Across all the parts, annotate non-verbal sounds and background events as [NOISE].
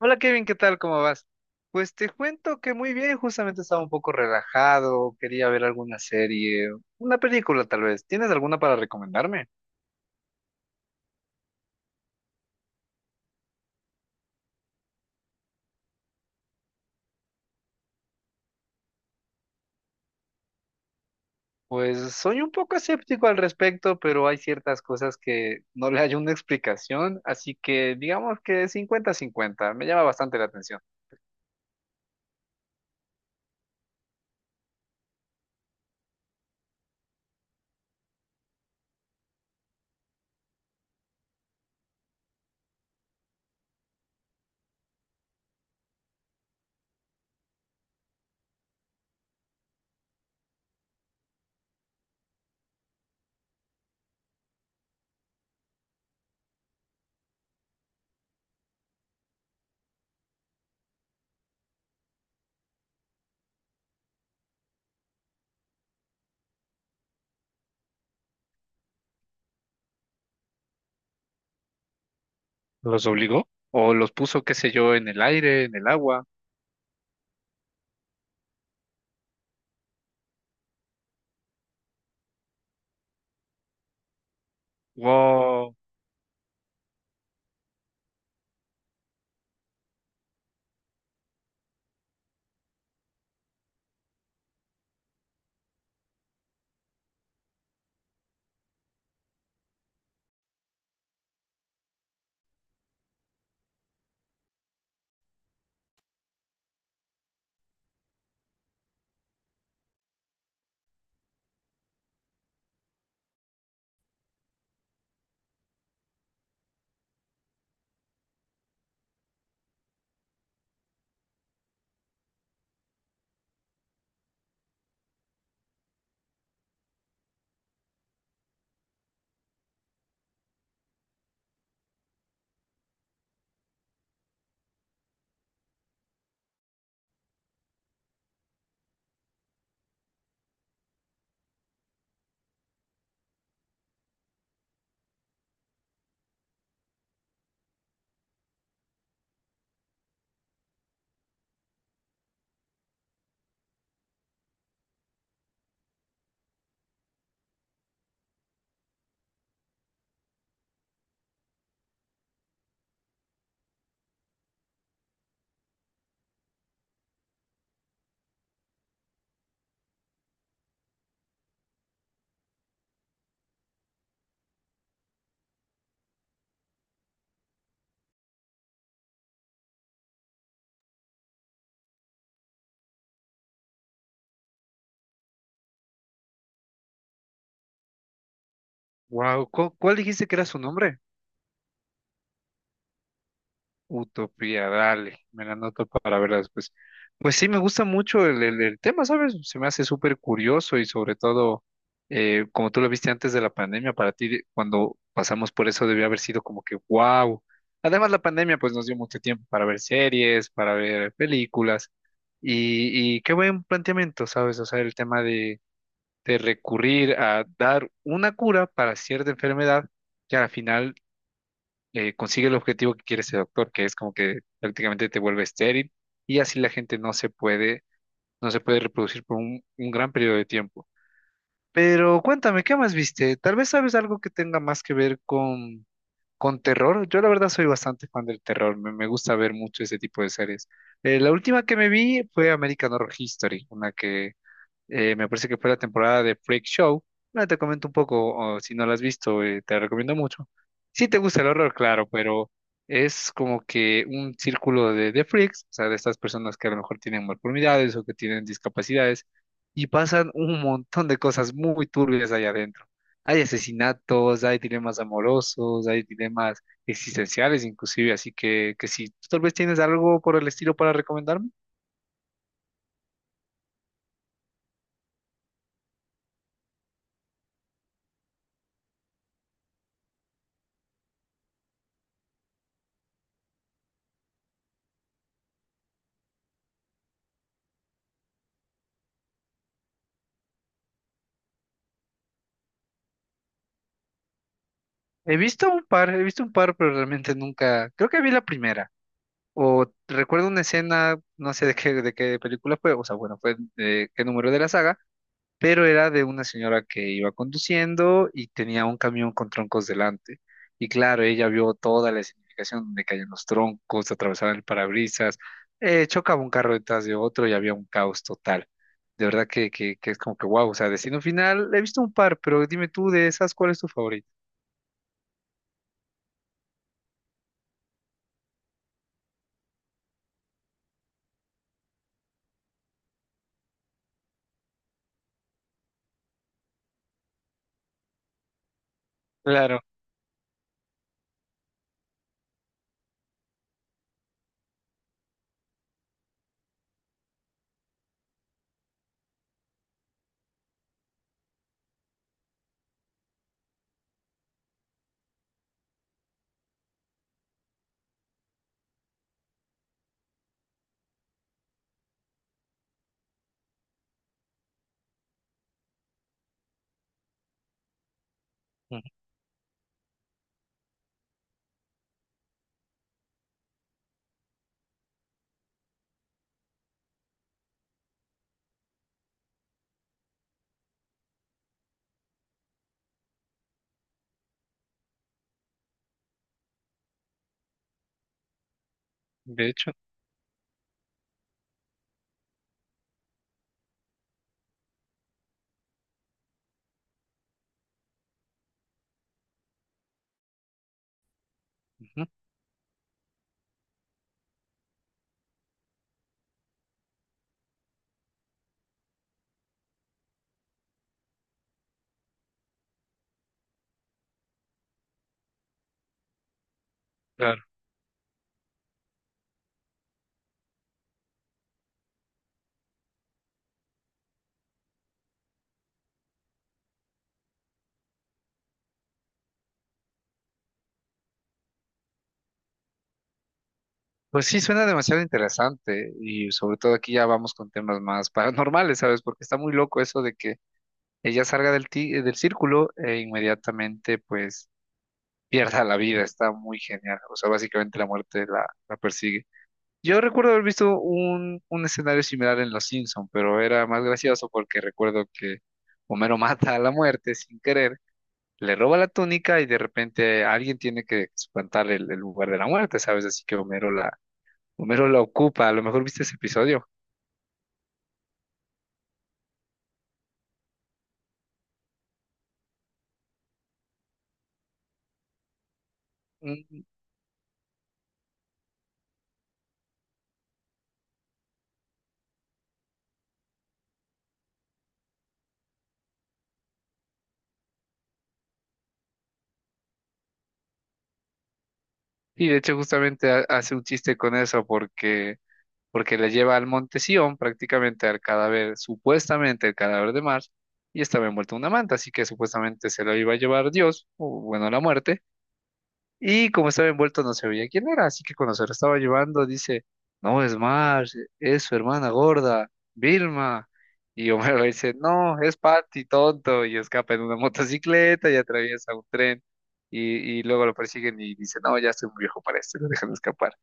Hola Kevin, ¿qué tal? ¿Cómo vas? Pues te cuento que muy bien, justamente estaba un poco relajado, quería ver alguna serie, una película tal vez. ¿Tienes alguna para recomendarme? Pues soy un poco escéptico al respecto, pero hay ciertas cosas que no le hay una explicación, así que digamos que cincuenta-cincuenta me llama bastante la atención. ¿Los obligó? ¿O los puso, qué sé yo, en el aire, en el agua? Wow, wow. ¿Cuál dijiste que era su nombre? Utopía, dale, me la anoto para verla después. Pues sí, me gusta mucho el tema, ¿sabes? Se me hace súper curioso y sobre todo, como tú lo viste antes de la pandemia, cuando pasamos por eso debió haber sido como que wow. Además, la pandemia pues nos dio mucho tiempo para ver series, para ver películas y qué buen planteamiento, ¿sabes? O sea, el tema de recurrir a dar una cura para cierta enfermedad que al final consigue el objetivo que quiere ese doctor, que es como que prácticamente te vuelve estéril y así la gente no se puede, no se puede reproducir por un gran periodo de tiempo. Pero cuéntame, ¿qué más viste? Tal vez sabes algo que tenga más que ver con terror. Yo la verdad soy bastante fan del terror, me gusta ver mucho ese tipo de series. La última que me vi fue American Horror History, una que me parece que fue la temporada de Freak Show. Ahora te comento un poco, o si no la has visto, te la recomiendo mucho. Si te gusta el horror, claro, pero es como que un círculo de freaks, o sea, de estas personas que a lo mejor tienen malformidades o que tienen discapacidades, y pasan un montón de cosas muy turbias allá adentro. Hay asesinatos, hay dilemas amorosos, hay dilemas existenciales inclusive, así que si tú tal vez tienes algo por el estilo para recomendarme. He visto un par, he visto un par, pero realmente nunca. Creo que vi la primera. O recuerdo una escena, no sé de qué película fue, o sea, bueno, fue de qué número de la saga, pero era de una señora que iba conduciendo y tenía un camión con troncos delante. Y claro, ella vio toda la significación donde caían los troncos, atravesaban el parabrisas, chocaba un carro detrás de otro y había un caos total. De verdad que es como que wow, o sea, Destino Final, he visto un par, pero dime tú de esas, ¿cuál es tu favorito? Claro. De hecho, ujú, claro. Pues sí, suena demasiado interesante y sobre todo aquí ya vamos con temas más paranormales, ¿sabes? Porque está muy loco eso de que ella salga del círculo e inmediatamente pues pierda la vida, está muy genial, o sea, básicamente la muerte la persigue. Yo recuerdo haber visto un escenario similar en Los Simpson, pero era más gracioso porque recuerdo que Homero [LAUGHS] mata a la muerte sin querer, le roba la túnica y de repente alguien tiene que espantar el lugar de la muerte, ¿sabes? Así que Homero la ocupa, a lo mejor viste ese episodio. Mm. Y de hecho justamente hace un chiste con eso porque, porque le lleva al Monte Sión prácticamente al cadáver, supuestamente el cadáver de Mars, y estaba envuelto en una manta, así que supuestamente se lo iba a llevar Dios, o bueno, la muerte. Y como estaba envuelto no se veía quién era, así que cuando se lo estaba llevando dice, no es Marge, es su hermana gorda, Vilma. Y Homero dice, no, es Patty, tonto, y escapa en una motocicleta y atraviesa un tren. Y luego lo persiguen y dice, no, ya estoy muy viejo para esto, y lo dejan escapar.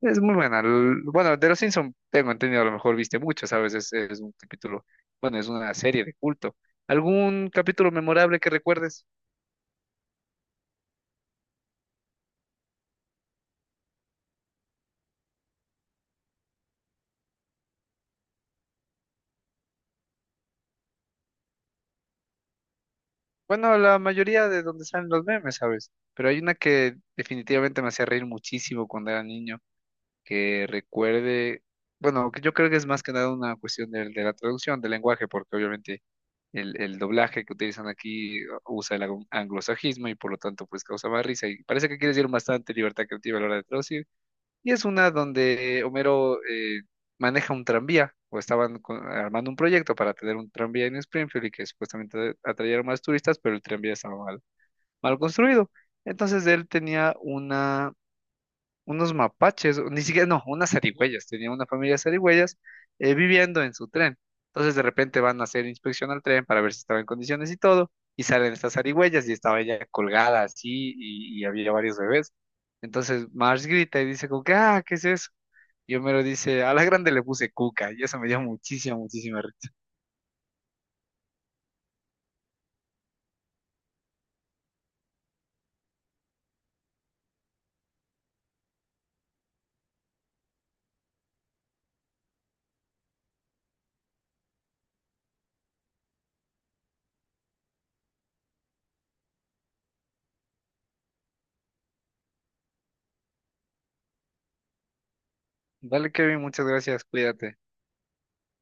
Es muy buena. Bueno, de los Simpson tengo entendido, a lo mejor viste mucho, ¿sabes? Es un capítulo, bueno, es una serie de culto. ¿Algún capítulo memorable que recuerdes? Bueno, la mayoría de donde salen los memes, ¿sabes? Pero hay una que definitivamente me hacía reír muchísimo cuando era niño, que recuerde, bueno, que yo creo que es más que nada una cuestión de la traducción, del lenguaje, porque obviamente el doblaje que utilizan aquí usa el anglosajismo y por lo tanto pues causa más risa y parece que quiere decir bastante libertad creativa a la hora de traducir. Y es una donde Homero maneja un tranvía o estaban armando un proyecto para tener un tranvía en Springfield y que supuestamente atrayeron más turistas, pero el tranvía estaba mal construido. Entonces él tenía una, unos mapaches, o ni siquiera, no, unas zarigüeyas, tenía una familia de zarigüeyas viviendo en su tren. Entonces de repente van a hacer inspección al tren para ver si estaba en condiciones y todo, y salen estas zarigüeyas y estaba ella colgada así y había varios bebés. Entonces Marge grita y dice como que, ah, ¿qué es eso? Y Homero dice, a la grande le puse cuca, y eso me dio muchísima, muchísima risa. Dale, Kevin, muchas gracias, cuídate.